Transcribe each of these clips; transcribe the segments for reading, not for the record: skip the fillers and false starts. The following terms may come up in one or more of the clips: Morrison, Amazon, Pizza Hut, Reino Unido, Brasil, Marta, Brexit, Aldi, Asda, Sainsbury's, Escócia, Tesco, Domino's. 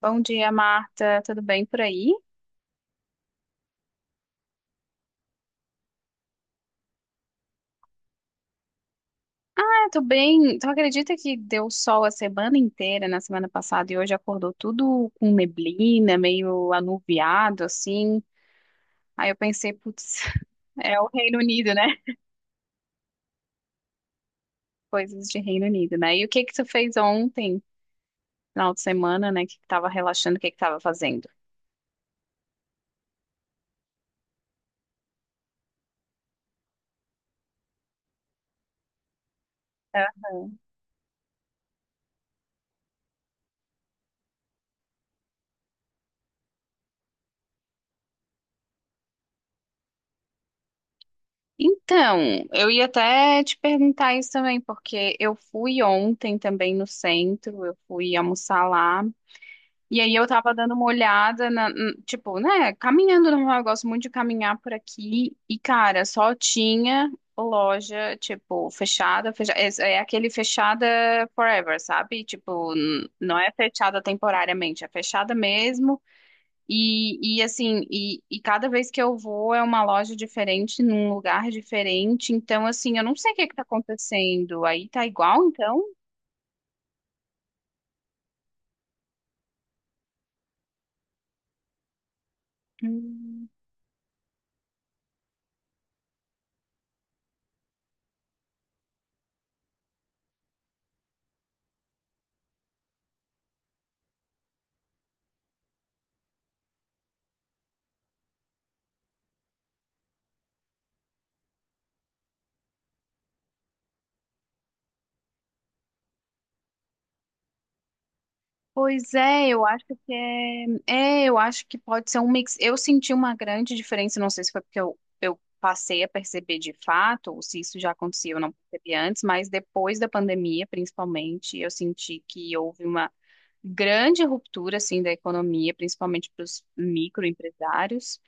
Bom dia, Marta. Tudo bem por aí? Ah, tô bem. Tu acredita que deu sol a semana inteira na semana passada e hoje acordou tudo com neblina, meio anuviado, assim? Aí eu pensei, putz, é o Reino Unido, né? Coisas de Reino Unido, né? E o que que tu fez ontem, final de semana, né? Que tava relaxando, o que que tava fazendo? É. Então, eu ia até te perguntar isso também, porque eu fui ontem também no centro, eu fui almoçar lá. E aí eu tava dando uma olhada na, tipo, né, caminhando normal, eu gosto muito de caminhar por aqui e cara, só tinha loja, tipo, fechada, é aquele fechada forever, sabe? Tipo, não é fechada temporariamente, é fechada mesmo. E assim, cada vez que eu vou é uma loja diferente, num lugar diferente. Então, assim, eu não sei o que que tá acontecendo. Aí tá igual, então? Hum. Pois é, eu acho que é, eu acho que pode ser um mix. Eu senti uma grande diferença, não sei se foi porque eu passei a perceber de fato, ou se isso já acontecia, eu não percebi antes, mas depois da pandemia, principalmente, eu senti que houve uma grande ruptura assim da economia, principalmente para os microempresários.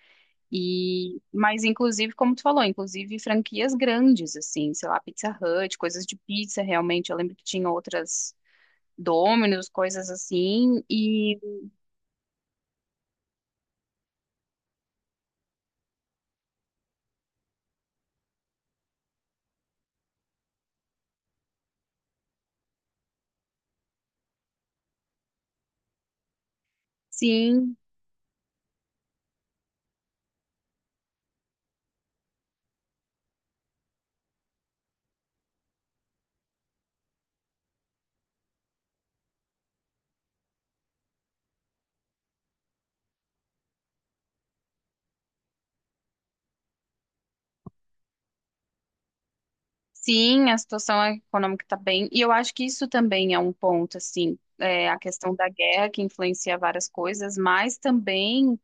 E, mas inclusive, como tu falou, inclusive franquias grandes assim, sei lá, Pizza Hut, coisas de pizza, realmente. Eu lembro que tinha outras Domino's, coisas assim. E sim, sim, a situação econômica está bem. E eu acho que isso também é um ponto, assim, é, a questão da guerra que influencia várias coisas, mas também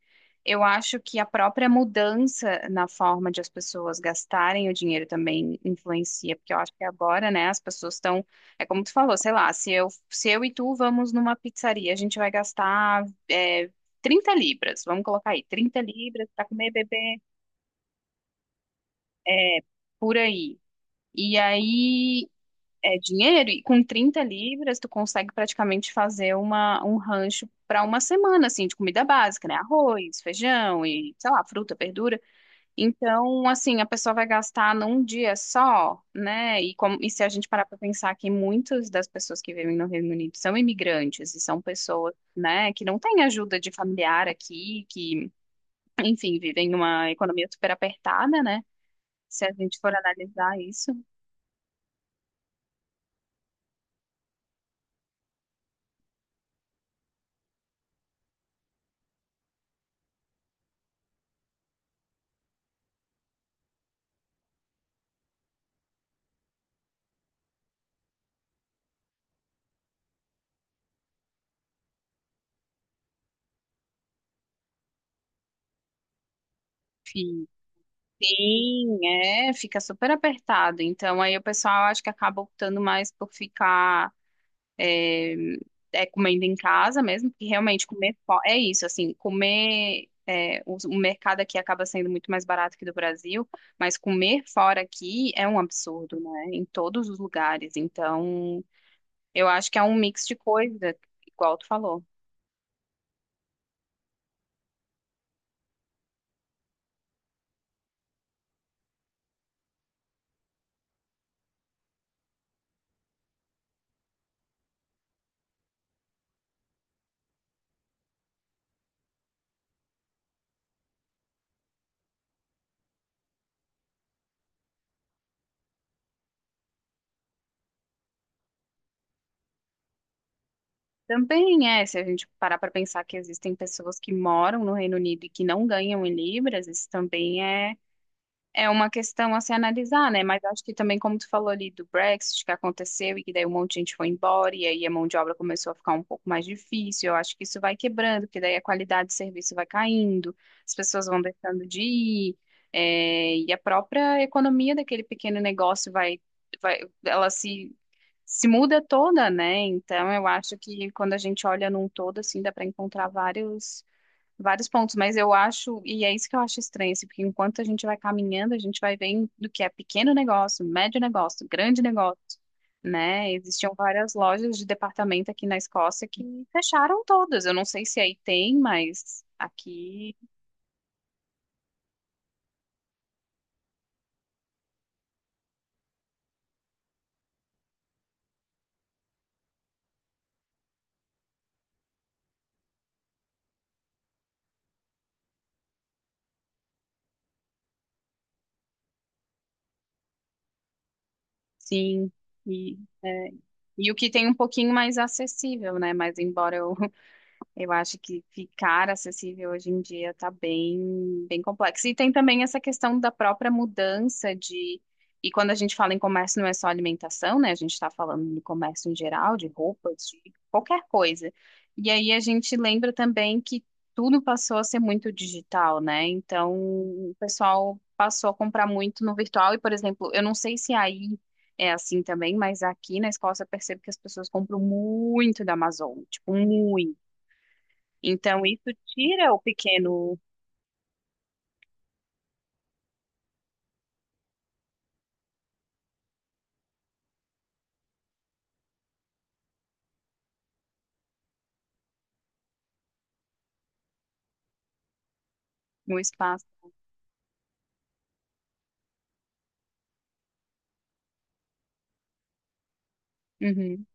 eu acho que a própria mudança na forma de as pessoas gastarem o dinheiro também influencia, porque eu acho que agora, né, as pessoas estão, é como tu falou, sei lá, se eu e tu vamos numa pizzaria, a gente vai gastar, é, 30 libras, vamos colocar aí, 30 libras para comer, beber por aí. E aí é dinheiro, e com 30 libras tu consegue praticamente fazer uma, um rancho para uma semana, assim, de comida básica, né? Arroz, feijão e, sei lá, fruta, verdura. Então, assim, a pessoa vai gastar num dia só, né? E, como, e se a gente parar para pensar que muitas das pessoas que vivem no Reino Unido são imigrantes e são pessoas, né, que não têm ajuda de familiar aqui, que, enfim, vivem numa economia super apertada, né? Se a gente for analisar isso. Sim, é, fica super apertado. Então, aí o pessoal acho que acaba optando mais por ficar eh, comendo em casa mesmo, porque realmente é isso, assim, comer é, o mercado aqui acaba sendo muito mais barato que do Brasil, mas comer fora aqui é um absurdo, né? Em todos os lugares. Então, eu acho que é um mix de coisa, igual tu falou. Também é, se a gente parar para pensar que existem pessoas que moram no Reino Unido e que não ganham em libras, isso também é é uma questão a se analisar, né? Mas acho que também, como tu falou ali do Brexit que aconteceu e que daí um monte de gente foi embora e aí a mão de obra começou a ficar um pouco mais difícil, eu acho que isso vai quebrando, porque daí a qualidade de serviço vai caindo, as pessoas vão deixando de ir, é, e a própria economia daquele pequeno negócio vai, ela se muda toda, né? Então eu acho que quando a gente olha num todo, assim, dá para encontrar vários pontos, mas eu acho, e é isso que eu acho estranho, assim, porque enquanto a gente vai caminhando, a gente vai vendo do que é pequeno negócio, médio negócio, grande negócio, né? Existiam várias lojas de departamento aqui na Escócia que fecharam todas. Eu não sei se aí tem, mas aqui sim. E, é, e o que tem um pouquinho mais acessível, né? Mas embora eu acho que ficar acessível hoje em dia está bem, bem complexo. E tem também essa questão da própria mudança de. E quando a gente fala em comércio, não é só alimentação, né? A gente está falando de comércio em geral, de roupas, de qualquer coisa. E aí a gente lembra também que tudo passou a ser muito digital, né? Então o pessoal passou a comprar muito no virtual. E, por exemplo, eu não sei se aí é assim também, mas aqui na Escócia eu percebo que as pessoas compram muito da Amazon, tipo, muito. Então, isso tira o pequeno no espaço. Uhum.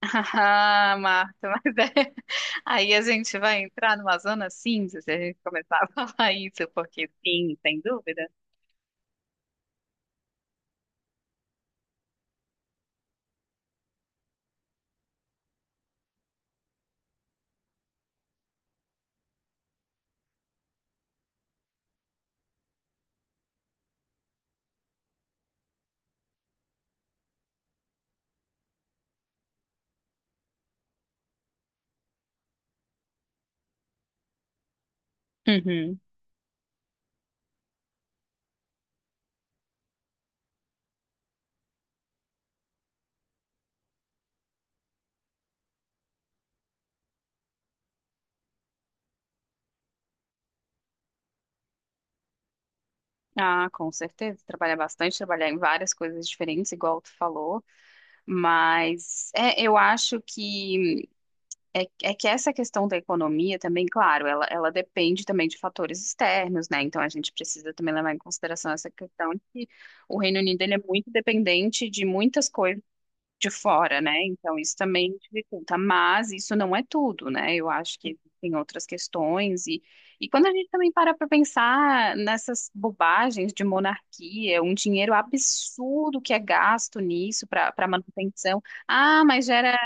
Ah, Marta, mas é... aí a gente vai entrar numa zona cinza se a gente começar a falar isso, porque sim, sem dúvida. Uhum. Ah, com certeza. Trabalhar bastante, trabalhar em várias coisas diferentes, igual tu falou. Mas é, eu acho que é, é que essa questão da economia também, claro, ela depende também de fatores externos, né? Então a gente precisa também levar em consideração essa questão de que o Reino Unido ele é muito dependente de muitas coisas de fora, né? Então isso também dificulta, mas isso não é tudo, né? Eu acho que tem outras questões e quando a gente também para pensar nessas bobagens de monarquia, um dinheiro absurdo que é gasto nisso para manutenção, ah, mas gera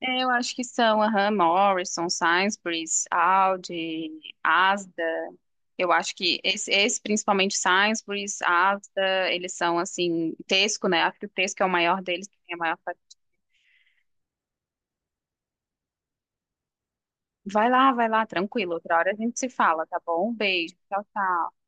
é, eu acho que são, aham, Morrison, Sainsbury's, Aldi, Asda. Eu acho que principalmente Sainsbury's, Asda, eles são assim, Tesco, né? Acho que o Tesco é o maior deles, que tem a maior fatia. Vai lá, tranquilo. Outra hora a gente se fala, tá bom? Um beijo, tchau, tchau.